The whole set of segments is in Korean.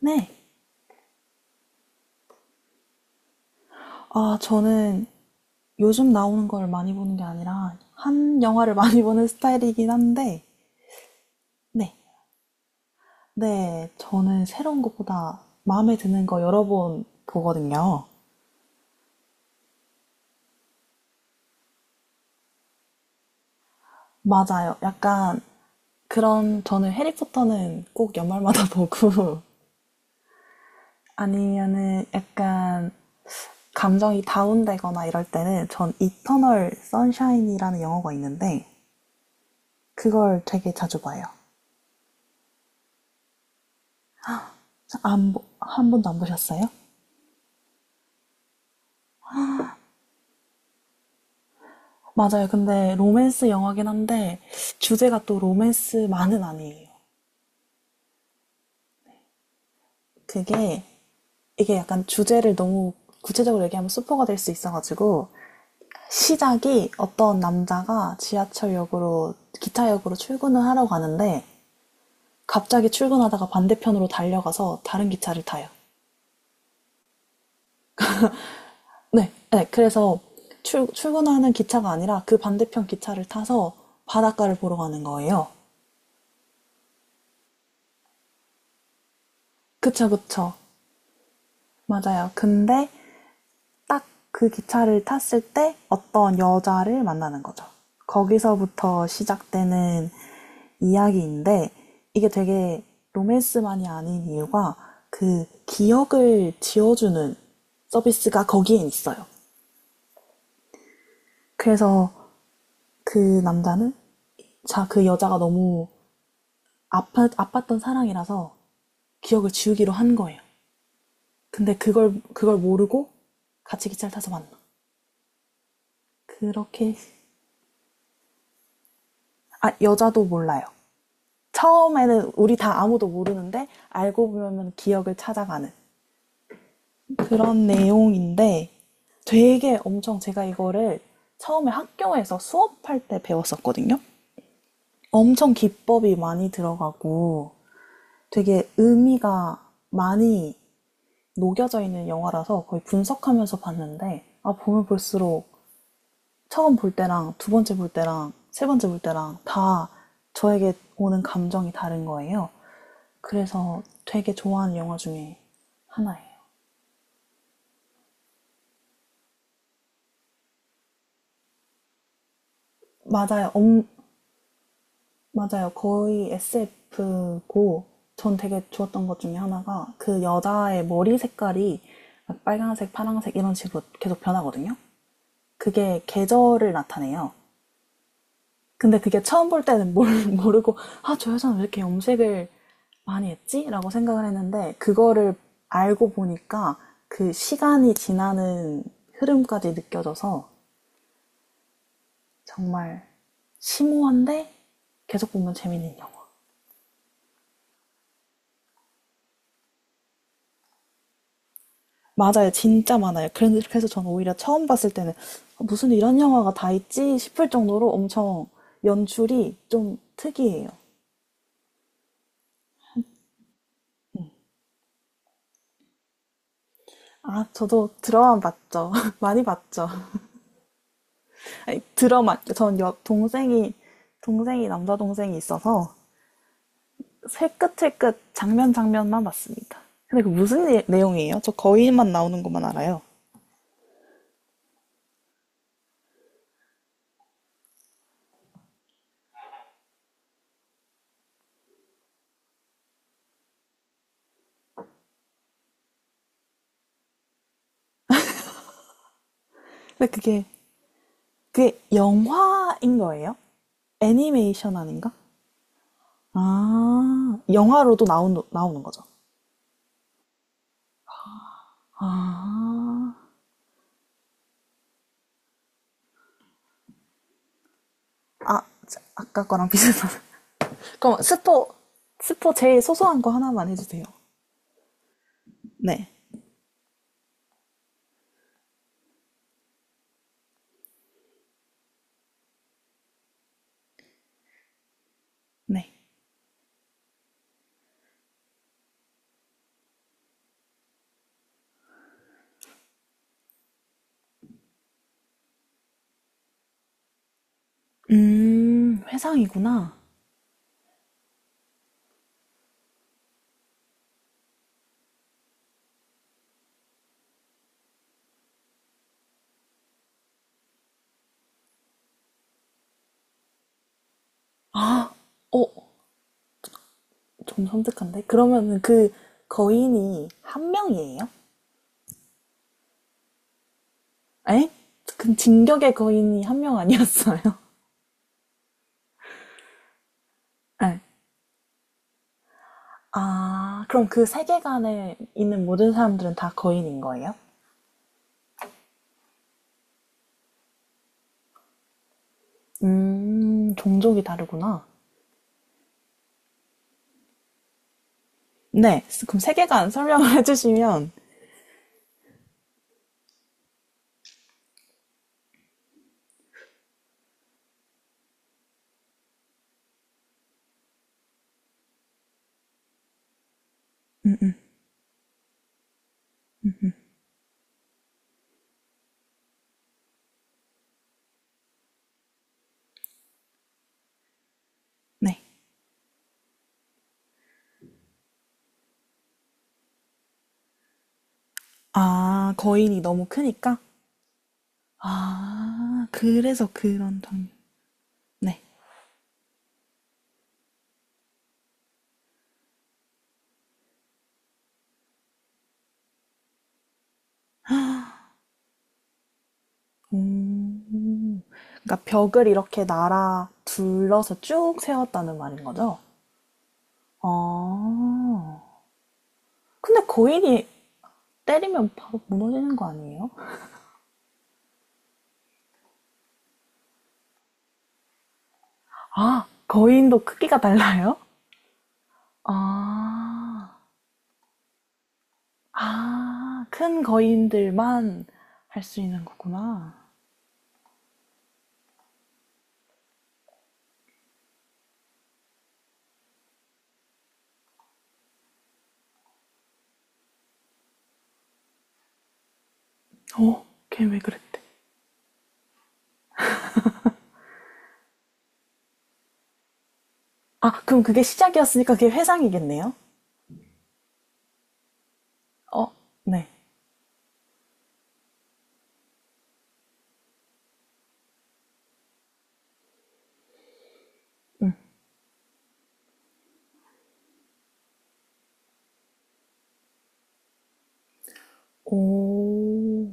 네. 아, 저는 요즘 나오는 걸 많이 보는 게 아니라 한 영화를 많이 보는 스타일이긴 한데, 네. 네, 저는 새로운 것보다 마음에 드는 거 여러 번 보거든요. 맞아요. 약간 그런, 저는 해리포터는 꼭 연말마다 보고, 아니면은 약간 감정이 다운되거나 이럴 때는 전 이터널 선샤인이라는 영화가 있는데, 그걸 되게 자주 봐요. 안, 보- 한 번도 안 보셨어요? 맞아요. 근데 로맨스 영화긴 한데 주제가 또 로맨스만은 아니에요. 그게 이게 약간 주제를 너무 구체적으로 얘기하면 스포가 될 수 있어가지고 시작이 어떤 남자가 지하철역으로 기차역으로 출근을 하러 가는데 갑자기 출근하다가 반대편으로 달려가서 다른 기차를 타요. 네, 네. 그래서 출근하는 기차가 아니라 그 반대편 기차를 타서 바닷가를 보러 가는 거예요. 그쵸, 그쵸. 맞아요. 근데 딱 그 기차를 탔을 때 어떤 여자를 만나는 거죠. 거기서부터 시작되는 이야기인데 이게 되게 로맨스만이 아닌 이유가 그 기억을 지워주는 서비스가 거기에 있어요. 그래서 그 남자는 자, 그 여자가 너무 아팠던 사랑이라서 기억을 지우기로 한 거예요. 근데 그걸 모르고 같이 기차를 타서 만나. 그렇게, 아, 여자도 몰라요. 처음에는 우리 다 아무도 모르는데 알고 보면 기억을 찾아가는 그런 내용인데 되게 엄청 제가 이거를 처음에 학교에서 수업할 때 배웠었거든요. 엄청 기법이 많이 들어가고 되게 의미가 많이 녹여져 있는 영화라서 거의 분석하면서 봤는데 아 보면 볼수록 처음 볼 때랑 두 번째 볼 때랑 세 번째 볼 때랑 다 저에게 오는 감정이 다른 거예요. 그래서 되게 좋아하는 영화 중에 하나예요. 맞아요. 맞아요. 거의 SF고, 전 되게 좋았던 것 중에 하나가 그 여자의 머리 색깔이 빨간색, 파란색 이런 식으로 계속 변하거든요. 그게 계절을 나타내요. 근데 그게 처음 볼 때는 모르고, 아, 저 여자는 왜 이렇게 염색을 많이 했지? 라고 생각을 했는데, 그거를 알고 보니까 그 시간이 지나는 흐름까지 느껴져서 정말 심오한데 계속 보면 재밌는 영화. 맞아요. 진짜 많아요. 그래서 저는 오히려 처음 봤을 때는 아, 무슨 이런 영화가 다 있지 싶을 정도로 엄청 연출이 좀 특이해요. 아, 저도 드라마 봤죠. 많이 봤죠. 아니, 드라마, 전 여, 동생이, 동생이, 남자 동생이 있어서 새끝새끝 장면만 봤습니다. 근데 그 무슨 내용이에요? 저 거인만 나오는 것만 알아요. 근데 그게 영화인 거예요? 애니메이션 아닌가? 아, 영화로도 나오는 거죠. 아, 자, 아까 거랑 비슷한. 그럼 스포, 스포 제일 소소한 거 하나만 해주세요. 네, 네. 회상이구나. 어, 좀 섬뜩한데? 그러면은 그 거인이 한 명이에요? 에? 그 진격의 거인이 한 명 아니었어요? 네. 아, 그럼 그 세계관에 있는 모든 사람들은 다 거인인 거예요? 종족이 다르구나. 네, 그럼 세계관 설명을 해주시면, 네. 아, 거인이 너무 크니까? 아, 그래서 그런 장면. 네. 음, 그러니까 벽을 이렇게 날아 둘러서 쭉 세웠다는 말인 거죠? 아, 근데 거인이 때리면 바로 무너지는 거 아니에요? 아, 거인도 크기가 달라요? 아. 아, 큰 거인들만 할 수 있는 거구나. 어, 걔 왜 그랬대? 아, 그럼 그게 시작이었으니까 그게 회상이겠네요? 어, 네. 오,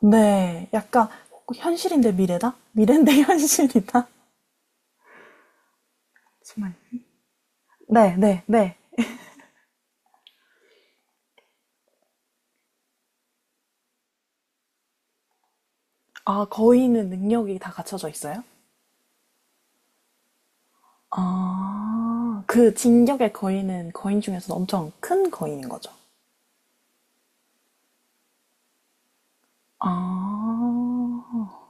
네. 약간 현실인데 미래다? 미래인데 현실이다? 정말. 네, 네, 네. 아, 거인은 능력이 다 갖춰져 있어요? 아, 그 진격의 거인은 거인 중에서는 엄청 큰 거인인 거죠. 아,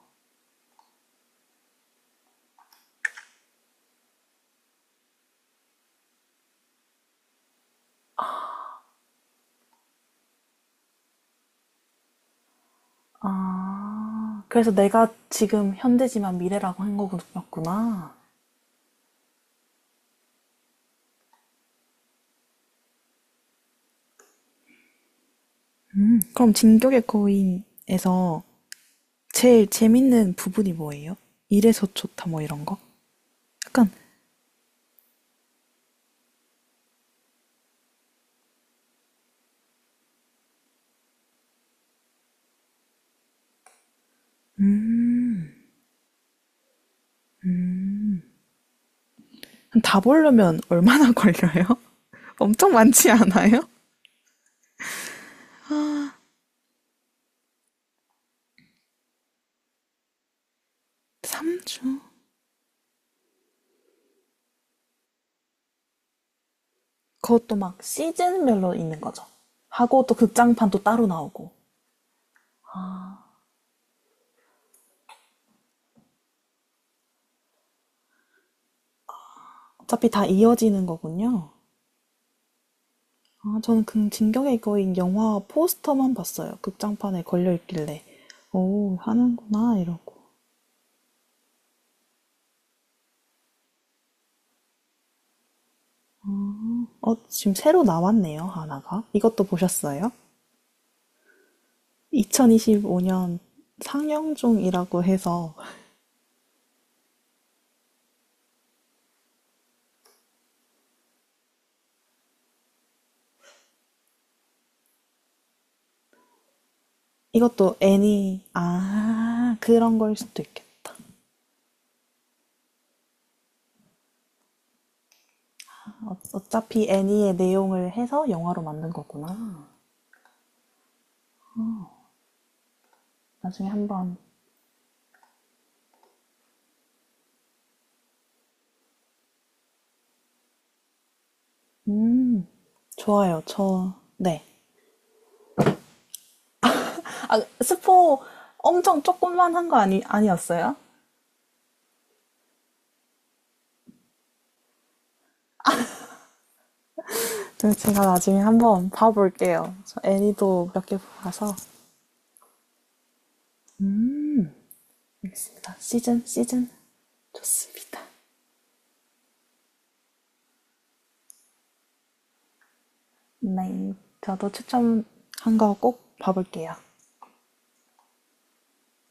그래서 내가 지금 현재지만 미래라고 한 거구나. 그럼 진격의 거인에서 제일 재밌는 부분이 뭐예요? 이래서 좋다 뭐 이런 거? 약간 다 보려면 얼마나 걸려요? 엄청 많지 않아요? 3주? 그것도 막 시즌별로 있는 거죠. 하고 또 극장판도 따로 나오고. 어차피 다 이어지는 거군요. 아 저는 그 진격의 거인 영화 포스터만 봤어요. 극장판에 걸려 있길래. 오, 하는구나 이러고. 어, 지금 새로 나왔네요, 하나가. 이것도 보셨어요? 2025년 상영 중이라고 해서 이것도 애니 아, 그런 걸 수도 있겠다. 어, 어차피 애니의 내용을 해서 영화로 만든 거구나. 나중에 한번 음. 좋아요. 저 네. 아, 스포 엄청 조금만 한 거 아니 아니었어요? 네, 제가 나중에 한번 봐볼게요. 저 애니도 몇 개 봐서 알겠습니다. 시즌 좋습니다. 네, 저도 추천한 거 꼭 봐볼게요.